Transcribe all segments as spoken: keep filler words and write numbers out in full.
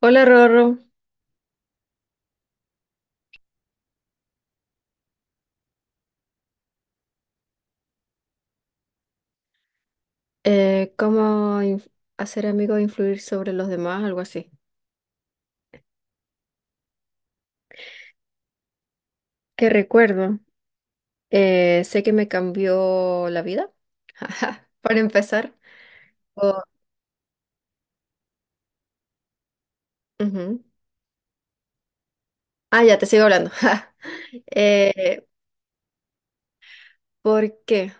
Hola Rorro. Eh, ¿cómo inf- hacer amigos e influir sobre los demás? Algo así. ¿Qué recuerdo? Eh, sé que me cambió la vida, para empezar. O- Ujú. Ah, ya, te sigo hablando. Eh, ¿Por qué?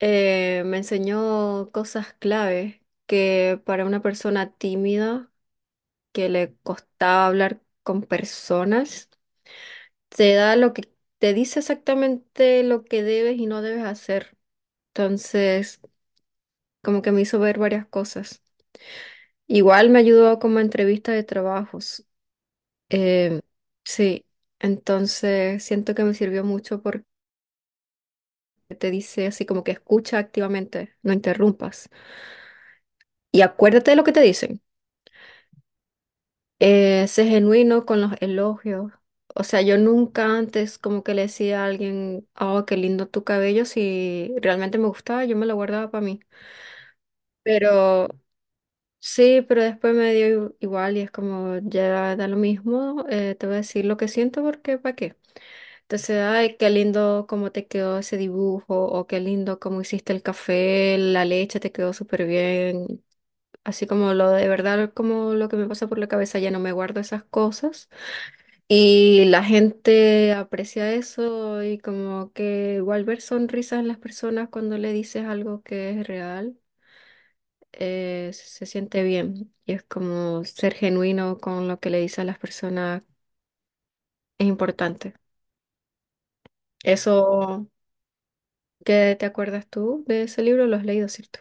Eh, me enseñó cosas clave que para una persona tímida que le costaba hablar con personas, te da lo que te dice exactamente lo que debes y no debes hacer. Entonces, como que me hizo ver varias cosas. Igual me ayudó como entrevista de trabajos. Eh, sí, entonces siento que me sirvió mucho porque te dice así como que escucha activamente, no interrumpas. Y acuérdate de lo que te dicen. Eh, sé genuino con los elogios. O sea, yo nunca antes como que le decía a alguien, oh, qué lindo tu cabello, si realmente me gustaba, yo me lo guardaba para mí. Pero sí, pero después me dio i- igual y es como, ya da lo mismo, eh, te voy a decir lo que siento porque ¿para qué? Entonces, ay, qué lindo cómo te quedó ese dibujo o qué lindo cómo hiciste el café, la leche te quedó súper bien. Así como lo de verdad, como lo que me pasa por la cabeza, ya no me guardo esas cosas. Y la gente aprecia eso y como que igual ver sonrisas en las personas cuando le dices algo que es real, eh, se siente bien y es como ser genuino con lo que le dice a las personas es importante. Eso, ¿qué te acuerdas tú de ese libro? Lo has leído, ¿cierto?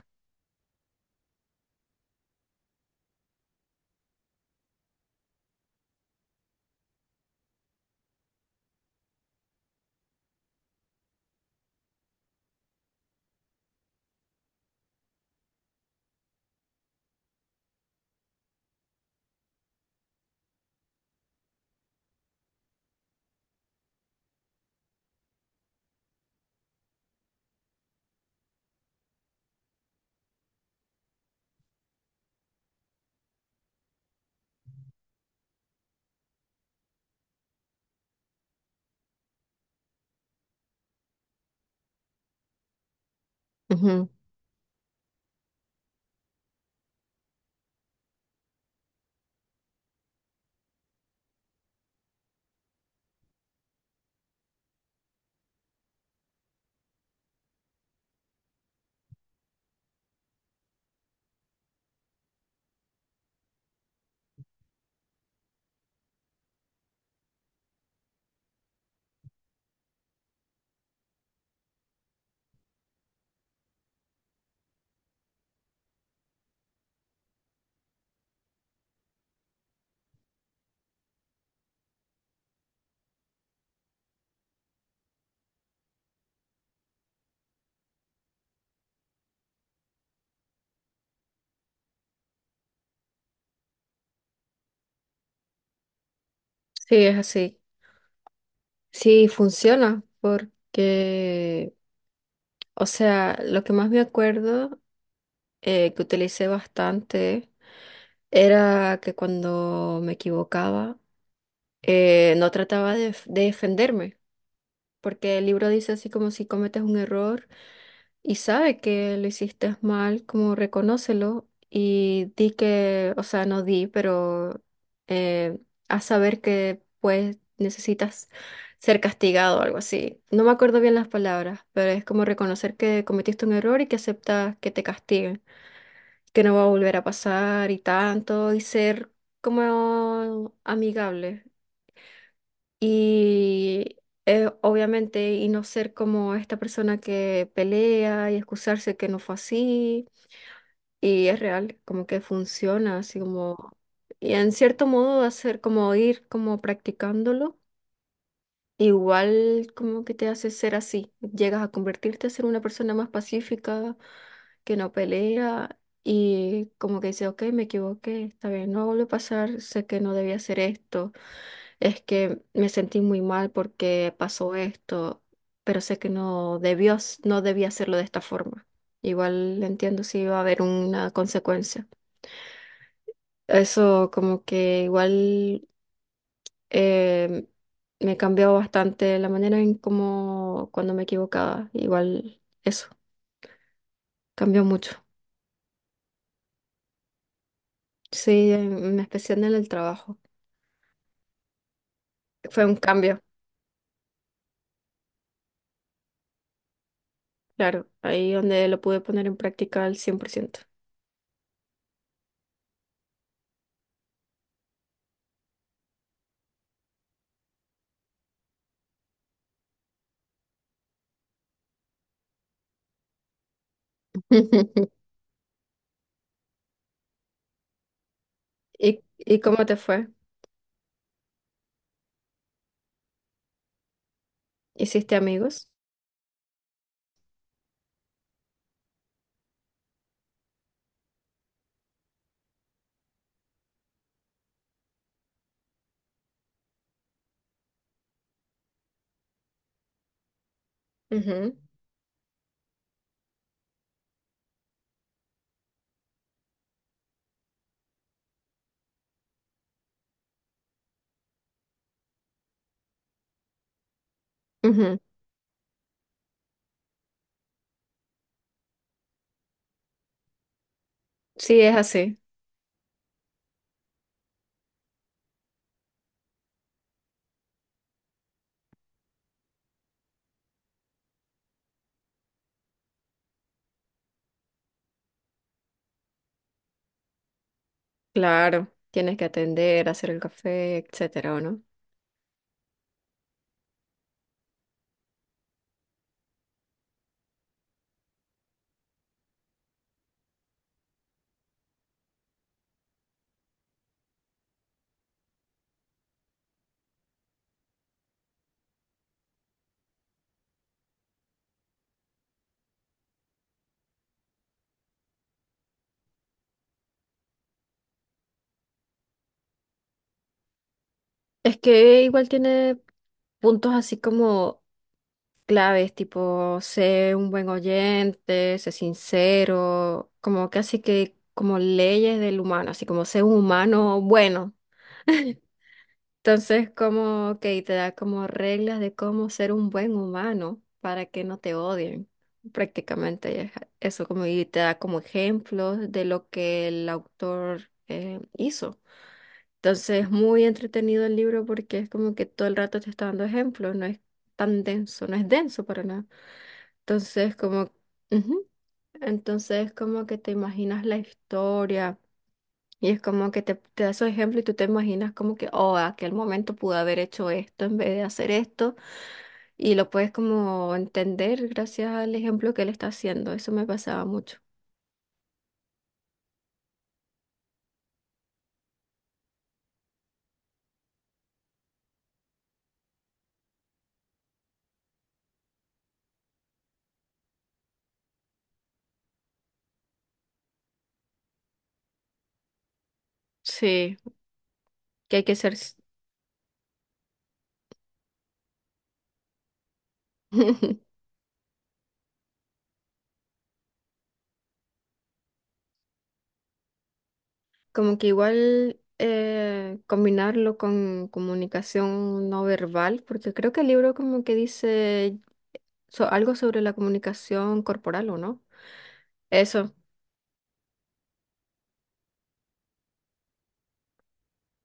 Ujú. Sí, es así. Sí, funciona porque, o sea, lo que más me acuerdo, eh, que utilicé bastante era que cuando me equivocaba, eh, no trataba de, def- de defenderme, porque el libro dice así como si cometes un error, y sabe que lo hiciste mal, como reconócelo y di que, o sea, no di, pero eh, haz saber que pues necesitas ser castigado o algo así. No me acuerdo bien las palabras, pero es como reconocer que cometiste un error y que aceptas que te castiguen, que no va a volver a pasar y tanto, y ser como amigable. Y eh, obviamente, y no ser como esta persona que pelea y excusarse que no fue así. Y es real, como que funciona, así como… Y en cierto modo hacer como ir como practicándolo, igual como que te hace ser así. Llegas a convertirte a ser una persona más pacífica, que no pelea y como que dice, ok, me equivoqué, está bien, no vuelve a pasar, sé que no debía hacer esto. Es que me sentí muy mal porque pasó esto, pero sé que no debió, s- no debía hacerlo de esta forma. Igual entiendo si iba a haber una consecuencia. Eso como que igual, eh, me cambió bastante la manera en cómo cuando me equivocaba. Igual eso cambió mucho. Sí, en especial en el trabajo. Fue un cambio, claro, ahí donde lo pude poner en práctica al cien por ciento. ¿Y, y cómo te fue? ¿Hiciste amigos? Ujú, ujú. Sí, es así. Claro, tienes que atender, hacer el café, etcétera, ¿o no? Es que igual tiene puntos así como claves, tipo sé un buen oyente, sé sincero, como casi que como leyes del humano, así como sé un humano bueno. Entonces, como que te da como reglas de cómo ser un buen humano para que no te odien. Prácticamente es eso, como y te da como ejemplos de lo que el autor, eh, hizo. Entonces, es muy entretenido el libro porque es como que todo el rato te está dando ejemplos, no es tan denso, no es denso para nada. Entonces, como, ujú, entonces, como que te imaginas la historia. Y es como que te, te da su ejemplo y tú te imaginas como que, oh, aquel momento pude haber hecho esto en vez de hacer esto. Y lo puedes como entender gracias al ejemplo que él está haciendo. Eso me pasaba mucho. Sí, que hay que ser s- como que igual, eh, combinarlo con comunicación no verbal, porque creo que el libro como que dice so- algo sobre la comunicación corporal, ¿o no? Eso,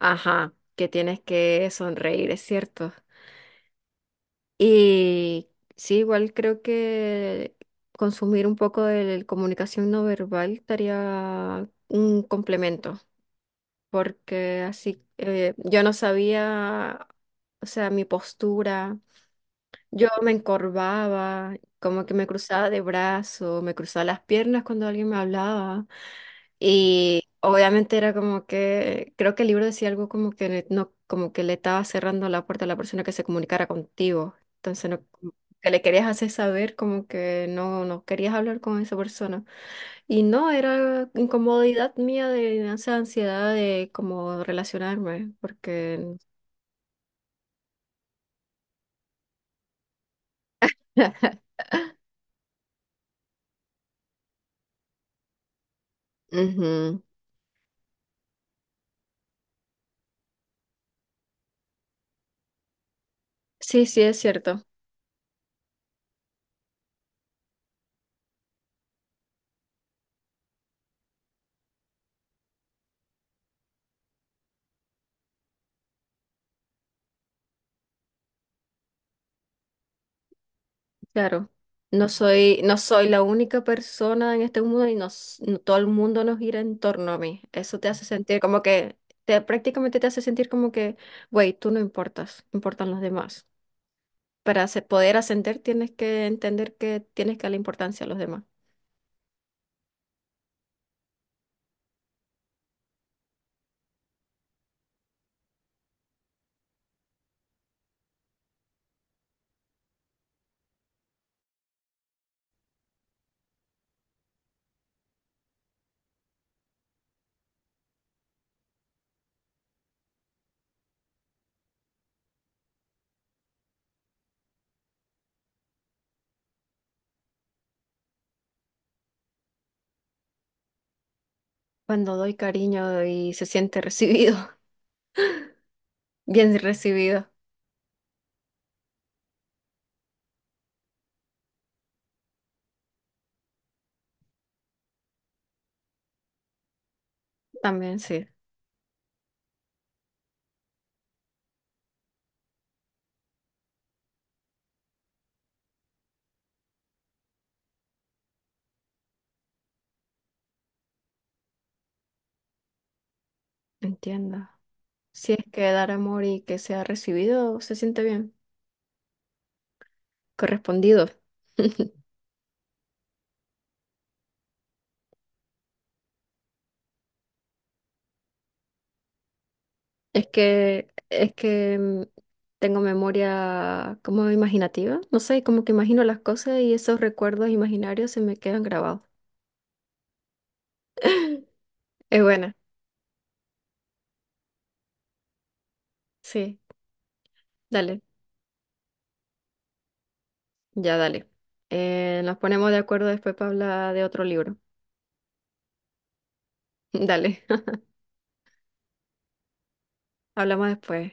ajá, que tienes que sonreír, es cierto. Y sí, igual creo que consumir un poco de comunicación no verbal estaría un complemento, porque así, eh, yo no sabía, o sea, mi postura, yo me encorvaba, como que me cruzaba de brazo, me cruzaba las piernas cuando alguien me hablaba. Y obviamente era como que, creo que el libro decía algo como que le- no, como que le estaba cerrando la puerta a la persona que se comunicara contigo. Entonces no, como que le querías hacer saber como que no, no querías hablar con esa persona. Y no, era incomodidad mía de esa ansiedad de como relacionarme, porque ujú. Sí, sí, es cierto. Claro, no soy, no soy la única persona en este mundo y nos, no- todo el mundo nos gira en torno a mí. Eso te hace sentir como que, te, prácticamente te hace sentir como que, güey, tú no importas, importan los demás. Para se- poder ascender tienes que entender que tienes que darle importancia a los demás. Cuando doy cariño y se siente recibido, bien recibido, también sí, entiendo. Si es que dar amor y que sea recibido, se siente bien, correspondido. Es que, es que mm, tengo memoria como imaginativa, no sé, como que imagino las cosas y esos recuerdos imaginarios se me quedan grabados. Es buena, sí, dale, ya dale. Eh, nos ponemos de acuerdo después para hablar de otro libro. Dale, hablamos después.